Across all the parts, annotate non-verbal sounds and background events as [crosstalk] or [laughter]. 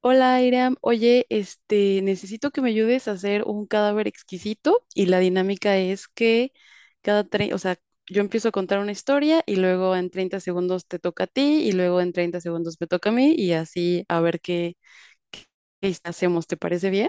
Hola, Iram. Oye, necesito que me ayudes a hacer un cadáver exquisito y la dinámica es que cada tre- o sea, yo empiezo a contar una historia y luego en 30 segundos te toca a ti y luego en 30 segundos me toca a mí y así a ver qué hacemos. ¿Te parece bien?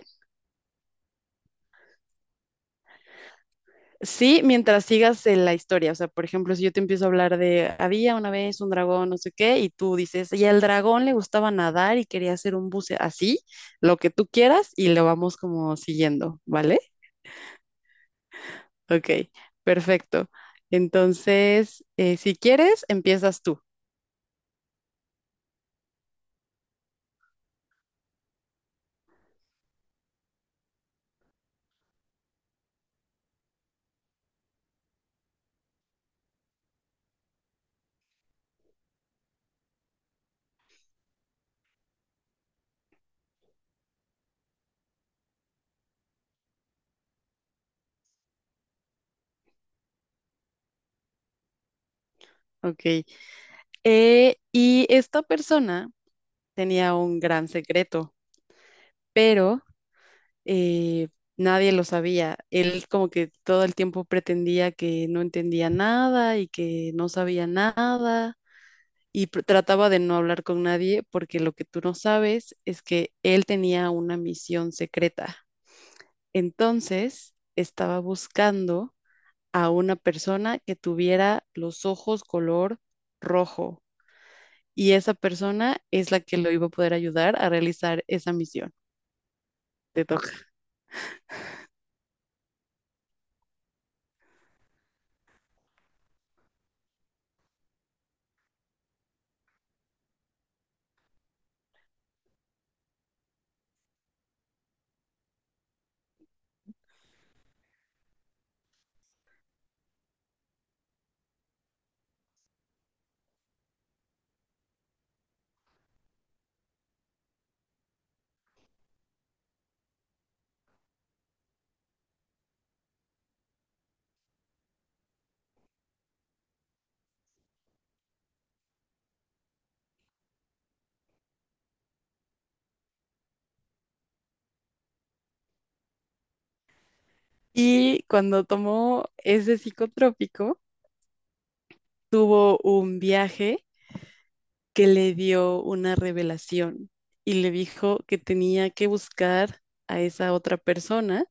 Sí, mientras sigas la historia, o sea, por ejemplo, si yo te empiezo a hablar de había una vez un dragón, no sé qué, y tú dices, y al dragón le gustaba nadar y quería hacer un buceo así, lo que tú quieras y lo vamos como siguiendo, ¿vale? Ok, perfecto. Entonces, si quieres, empiezas tú. Ok. Y esta persona tenía un gran secreto, pero eh, nadie lo sabía. Él como que todo el tiempo pretendía que no entendía nada y que no sabía nada y trataba de no hablar con nadie porque lo que tú no sabes es que él tenía una misión secreta. Entonces, estaba buscando a una persona que tuviera los ojos color rojo y esa persona es la que lo iba a poder ayudar a realizar esa misión. Te toca. Y cuando tomó ese psicotrópico, tuvo un viaje que le dio una revelación y le dijo que tenía que buscar a esa otra persona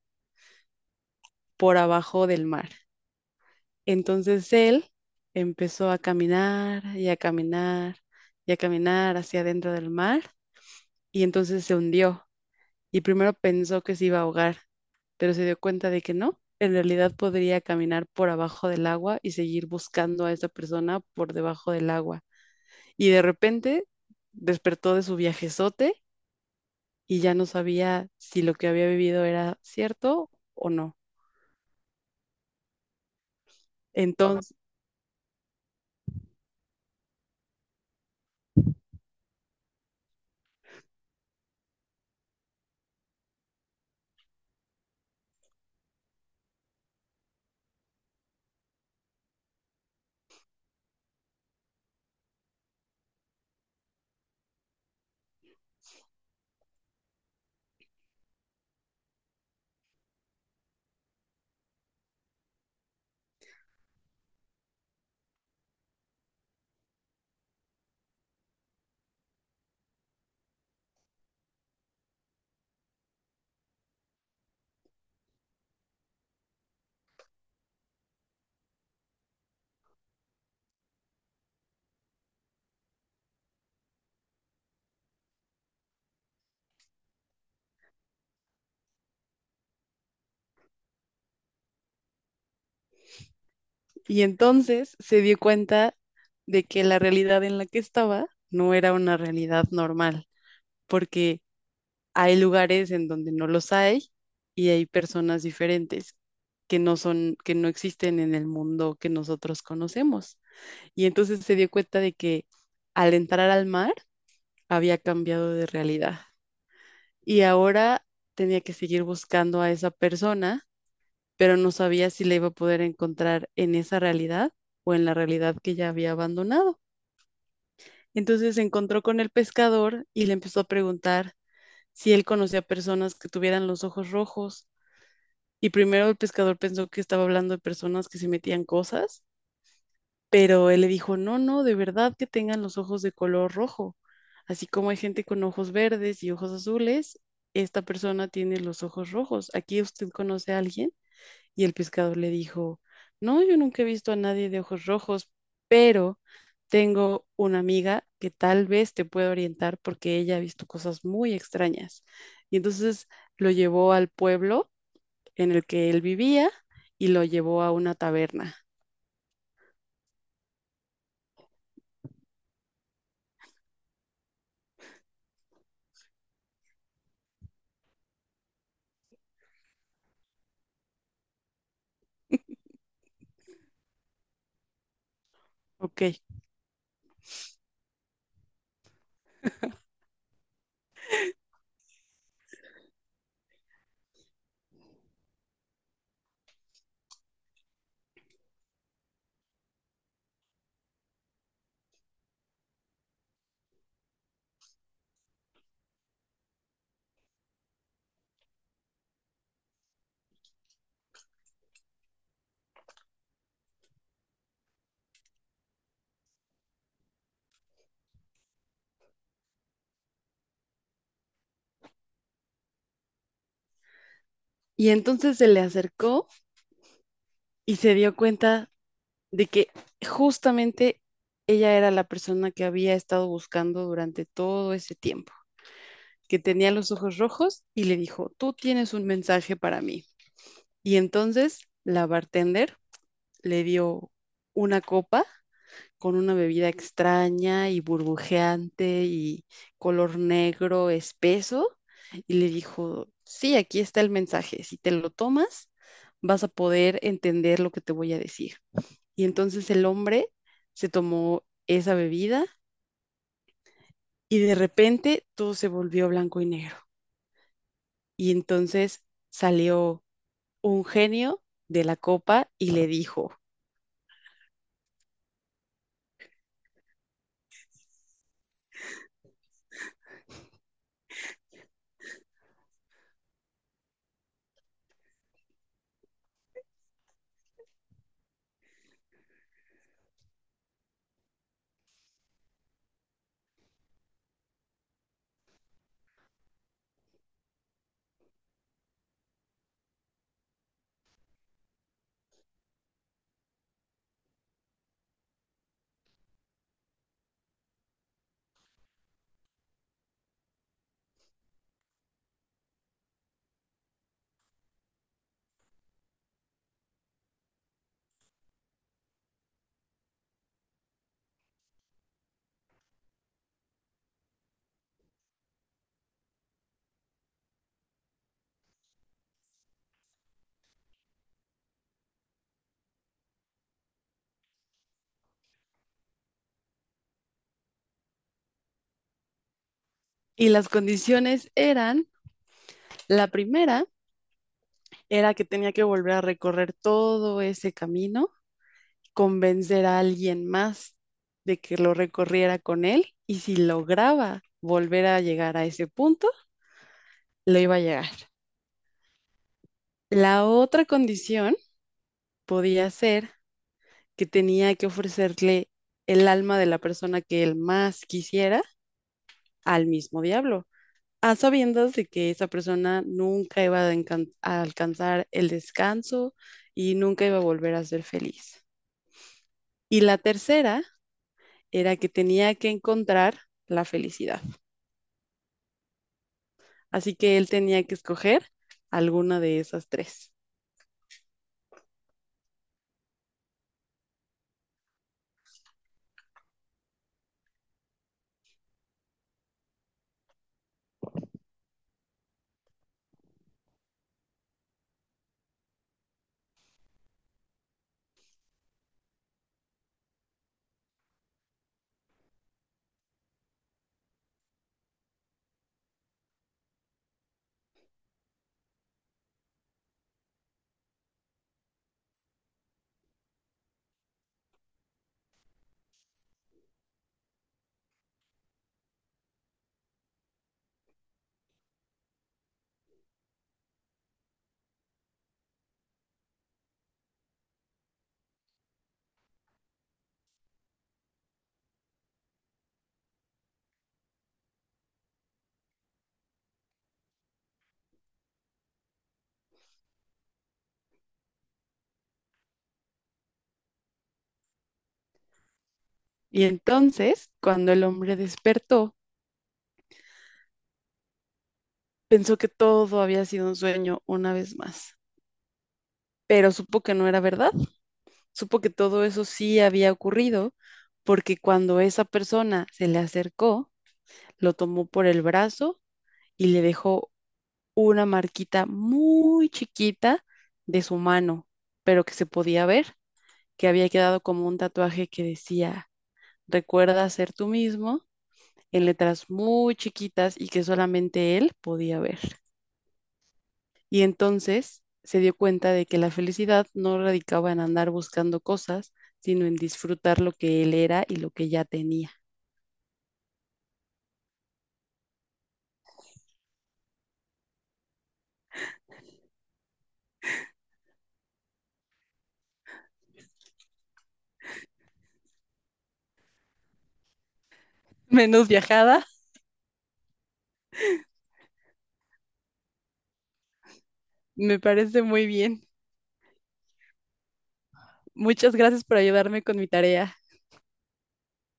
por abajo del mar. Entonces él empezó a caminar y a caminar y a caminar hacia adentro del mar y entonces se hundió y primero pensó que se iba a ahogar, pero se dio cuenta de que no, en realidad podría caminar por abajo del agua y seguir buscando a esa persona por debajo del agua. Y de repente despertó de su viajezote y ya no sabía si lo que había vivido era cierto o no. Entonces, y entonces se dio cuenta de que la realidad en la que estaba no era una realidad normal, porque hay lugares en donde no los hay y hay personas diferentes que que no existen en el mundo que nosotros conocemos. Y entonces se dio cuenta de que al entrar al mar había cambiado de realidad y ahora tenía que seguir buscando a esa persona, pero no sabía si la iba a poder encontrar en esa realidad o en la realidad que ya había abandonado. Entonces se encontró con el pescador y le empezó a preguntar si él conocía personas que tuvieran los ojos rojos. Y primero el pescador pensó que estaba hablando de personas que se metían cosas, pero él le dijo, no, no, de verdad que tengan los ojos de color rojo. Así como hay gente con ojos verdes y ojos azules, esta persona tiene los ojos rojos. ¿Aquí usted conoce a alguien? Y el pescador le dijo, no, yo nunca he visto a nadie de ojos rojos, pero tengo una amiga que tal vez te pueda orientar porque ella ha visto cosas muy extrañas. Y entonces lo llevó al pueblo en el que él vivía y lo llevó a una taberna. Ok. Y entonces se le acercó y se dio cuenta de que justamente ella era la persona que había estado buscando durante todo ese tiempo, que tenía los ojos rojos y le dijo, tú tienes un mensaje para mí. Y entonces la bartender le dio una copa con una bebida extraña y burbujeante y color negro espeso y le dijo, sí, aquí está el mensaje, si te lo tomas, vas a poder entender lo que te voy a decir. Y entonces el hombre se tomó esa bebida y de repente todo se volvió blanco y negro. Y entonces salió un genio de la copa y le dijo, y las condiciones eran, la primera, era que tenía que volver a recorrer todo ese camino, convencer a alguien más de que lo recorriera con él y si lograba volver a llegar a ese punto, lo iba a llegar. La otra condición podía ser que tenía que ofrecerle el alma de la persona que él más quisiera al mismo diablo, a sabiendas de que esa persona nunca iba a alcanzar el descanso y nunca iba a volver a ser feliz. Y la tercera era que tenía que encontrar la felicidad. Así que él tenía que escoger alguna de esas tres. Y entonces, cuando el hombre despertó, pensó que todo había sido un sueño una vez más, pero supo que no era verdad, supo que todo eso sí había ocurrido, porque cuando esa persona se le acercó, lo tomó por el brazo y le dejó una marquita muy chiquita de su mano, pero que se podía ver, que había quedado como un tatuaje que decía, recuerda ser tú mismo, en letras muy chiquitas y que solamente él podía ver. Y entonces se dio cuenta de que la felicidad no radicaba en andar buscando cosas, sino en disfrutar lo que él era y lo que ya tenía. [laughs] Menos viajada. Me parece muy bien. Muchas gracias por ayudarme con mi tarea.